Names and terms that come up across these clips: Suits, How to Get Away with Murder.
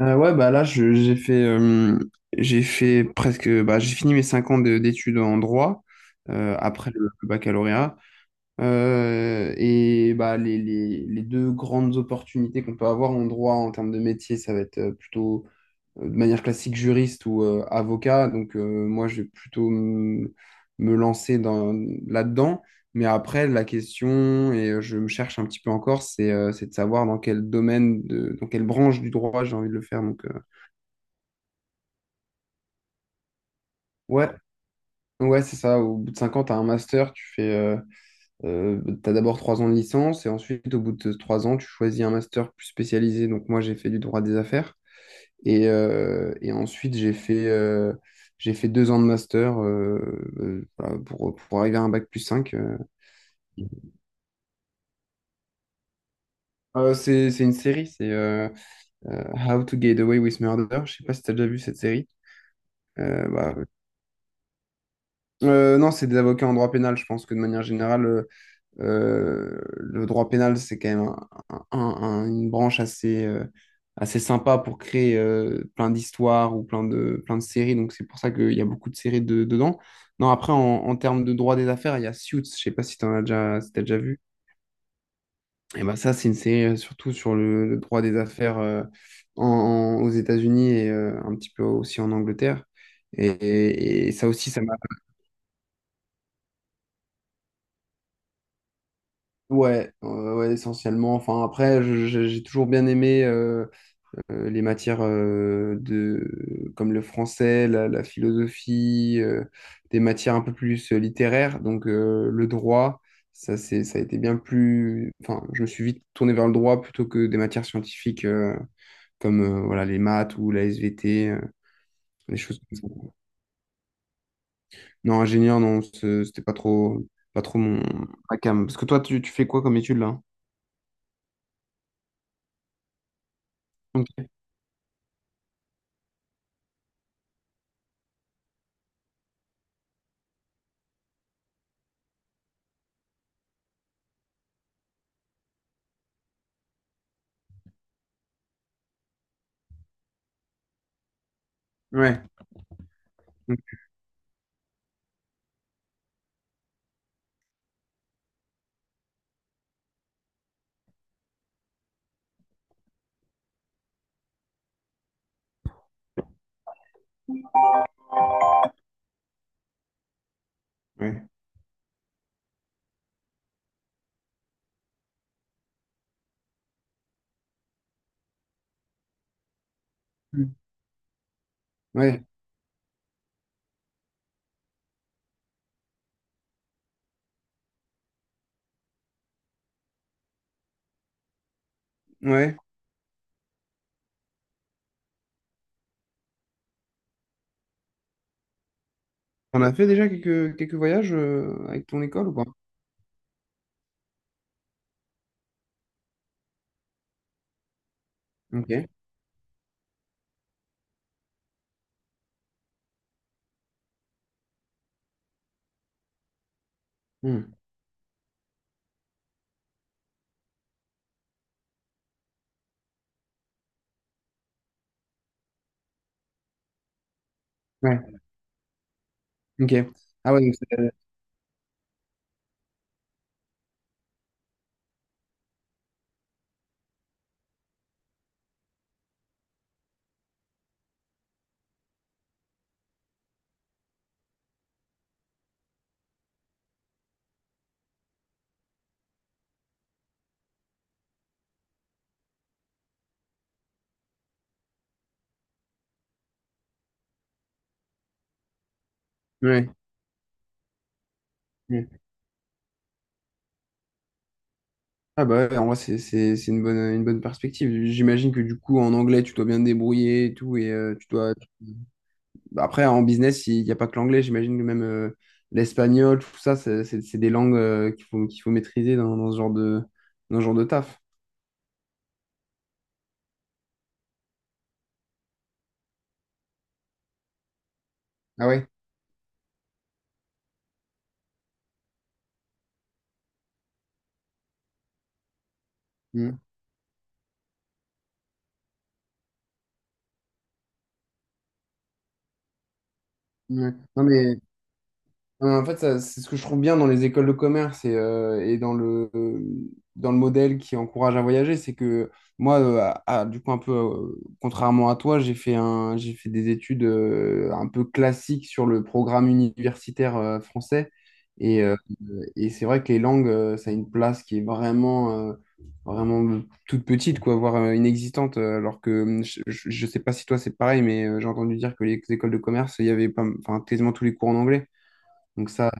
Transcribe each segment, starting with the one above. Ouais, bah là, je- j'ai fait presque, bah, j'ai fini mes 5 ans d'études en droit après le baccalauréat. Et bah, les deux grandes opportunités qu'on peut avoir en droit en termes de métier, ça va être plutôt de manière classique juriste ou avocat. Donc, moi, je vais plutôt me lancer là-dedans. Mais après, la question, je me cherche un petit peu encore, c'est de savoir dans quel domaine, dans quelle branche du droit j'ai envie de le faire. Donc. Ouais, ouais, c'est ça. Au bout de 5 ans, tu as un master, t'as d'abord 3 ans de licence et ensuite, au bout de 3 ans, tu choisis un master plus spécialisé. Donc, moi, j'ai fait du droit des affaires et ensuite, j'ai fait 2 ans de master voilà, pour arriver à un bac+5. C'est une série, c'est euh, How to Get Away with Murder. Je sais pas si tu as déjà vu cette série. Euh, bah, non, c'est des avocats en droit pénal. Je pense que de manière générale, le droit pénal, c'est quand même une branche assez, assez sympa pour créer plein d'histoires ou plein de séries. Donc, c'est pour ça qu'il y a beaucoup de séries dedans. Non, après, en termes de droit des affaires, il y a Suits. Je sais pas si t'as déjà vu. Et ben ça, c'est une série surtout sur le droit des affaires aux États-Unis et un petit peu aussi en Angleterre. Et ça aussi, ça m'a. Ouais, ouais, essentiellement. Enfin, après, j'ai toujours bien aimé les matières comme le français, la philosophie, des matières un peu plus littéraires. Donc le droit, ça a été bien plus. Enfin, je me suis vite tourné vers le droit plutôt que des matières scientifiques comme voilà, les maths ou la SVT, des choses comme ça. Non, ingénieur, non, c'était pas trop, pas trop ma came. Parce que toi, tu fais quoi comme étude là? Ok. Ouais. Ok. Ouais. Ouais. Ouais. On a fait déjà quelques voyages avec ton école ou pas? Ok. Hmm. Ouais, ok. Ah ouais, donc ouais. Ouais. Ah bah ouais, en vrai, c'est une bonne perspective. J'imagine que du coup, en anglais, tu dois bien te débrouiller et tout. Et tu dois. Bah, après, en business, il n'y a pas que l'anglais. J'imagine que même l'espagnol, tout ça, c'est des langues qu'il faut maîtriser dans ce genre de taf. Ah ouais. Hmm. Ouais. Non, mais en fait, ça, c'est ce que je trouve bien dans les écoles de commerce et dans dans le modèle qui encourage à voyager, c'est que moi, du coup, un peu, contrairement à toi, j'ai fait des études un peu classiques sur le programme universitaire français. Et, euh, et c'est vrai que les langues, ça a une place qui est vraiment, vraiment toute petite, quoi, voire inexistante. Alors que je ne sais pas si toi c'est pareil, mais j'ai entendu dire que les écoles de commerce, il y avait pas, enfin, quasiment tous les cours en anglais. Donc ça,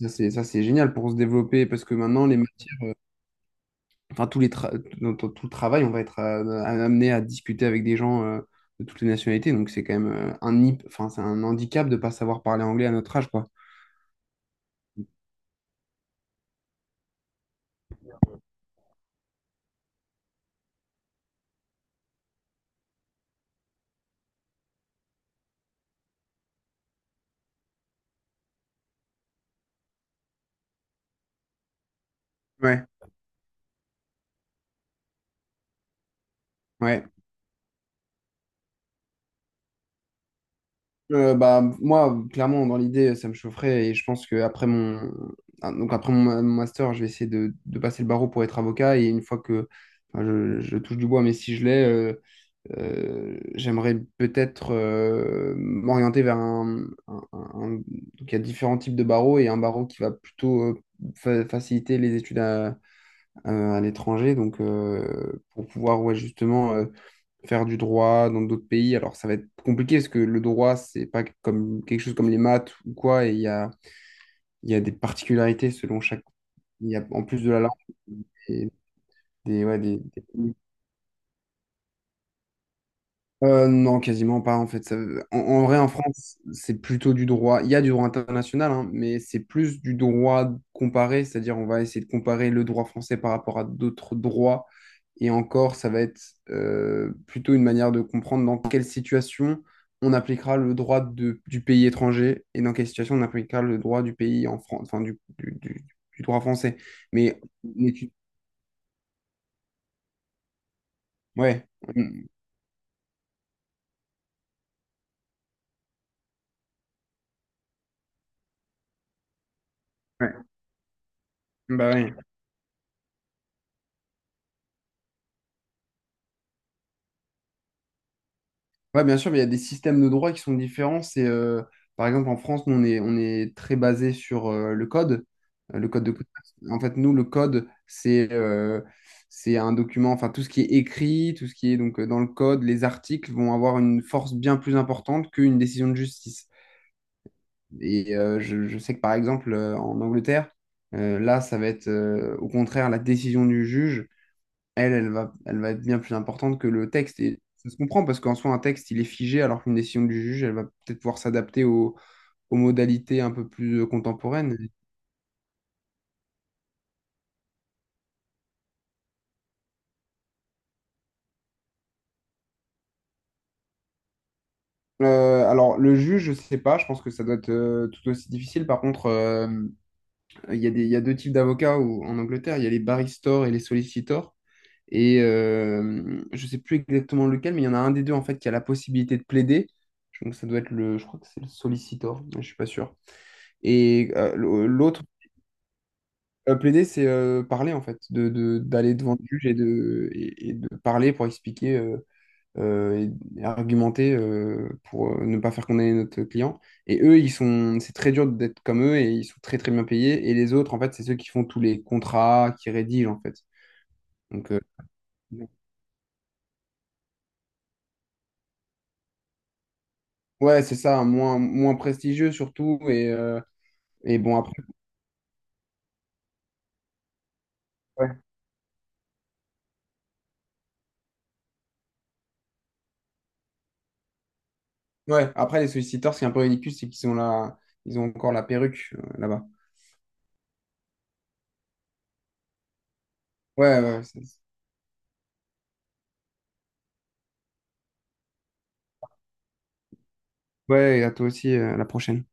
ça c'est ça c'est génial pour se développer parce que maintenant enfin tous les tra- dans- dans tout le travail, on va être amené à discuter avec des gens de toutes les nationalités. Donc c'est quand même enfin c'est un handicap de pas savoir parler anglais à notre âge quoi. Ouais, ouais. Bah moi clairement dans l'idée ça me chaufferait et je pense que après mon ah, donc après mon ma- mon master je vais essayer de passer le barreau pour être avocat et une fois que enfin, je touche du bois mais si je l'ai. euh, J'aimerais peut-être m'orienter vers. Donc, il y a différents types de barreaux et un barreau qui va plutôt faciliter les études à l'étranger. Donc, pour pouvoir ouais, justement faire du droit dans d'autres pays. Alors, ça va être compliqué parce que le droit, c'est pas comme quelque chose comme les maths ou quoi. Et il y a des particularités selon chaque. Il y a en plus de la langue et des, ouais, des, des- Non, quasiment pas en fait. En en vrai, en France, c'est plutôt du droit. Il y a du droit international, hein, mais c'est plus du droit comparé, c'est-à-dire on va essayer de comparer le droit français par rapport à d'autres droits. Et encore, ça va être plutôt une manière de comprendre dans quelle situation on appliquera le droit du pays étranger et dans quelle situation on appliquera le droit du pays en France, enfin du droit français. Mais, mais ouais, ouais, bah ouais. Ouais, bien sûr, mais il y a des systèmes de droit qui sont différents. Par exemple, en France, nous, on est très basé sur le code de commerce. En fait, nous, le code, c'est un document, enfin, tout ce qui est écrit, tout ce qui est donc dans le code, les articles vont avoir une force bien plus importante qu'une décision de justice. Et je sais que, par exemple, en Angleterre, là, ça va être au contraire la décision du juge elle, elle va être bien plus importante que le texte. Et ça se comprend parce qu'en soi, un texte, il est figé, alors qu'une décision du juge, elle va peut-être pouvoir s'adapter aux modalités un peu plus contemporaines. Alors, le juge, je sais pas, je pense que ça doit être tout aussi difficile. Par contre, il y a deux types d'avocats en Angleterre, il y a les barristers et les solicitors. Et je sais plus exactement lequel, mais il y en a un des deux en fait qui a la possibilité de plaider. Donc ça doit être je crois que c'est le sollicitor, mais je suis pas sûr. Et l'autre. Plaider, c'est parler en fait, d'aller devant le juge et et de parler pour expliquer euh, et argumenter pour ne pas faire condamner notre client. C'est très dur d'être comme eux et ils sont très très bien payés. Et les autres, en fait, c'est ceux qui font tous les contrats, qui rédigent en fait. Donc, ouais, c'est ça, moins prestigieux surtout. Et bon, après, ouais. Ouais, après, les solliciteurs, ce qui est un peu ridicule, c'est qu'ils ont encore la perruque là-bas. Ouais, ouais, ouais, et à toi aussi, à la prochaine.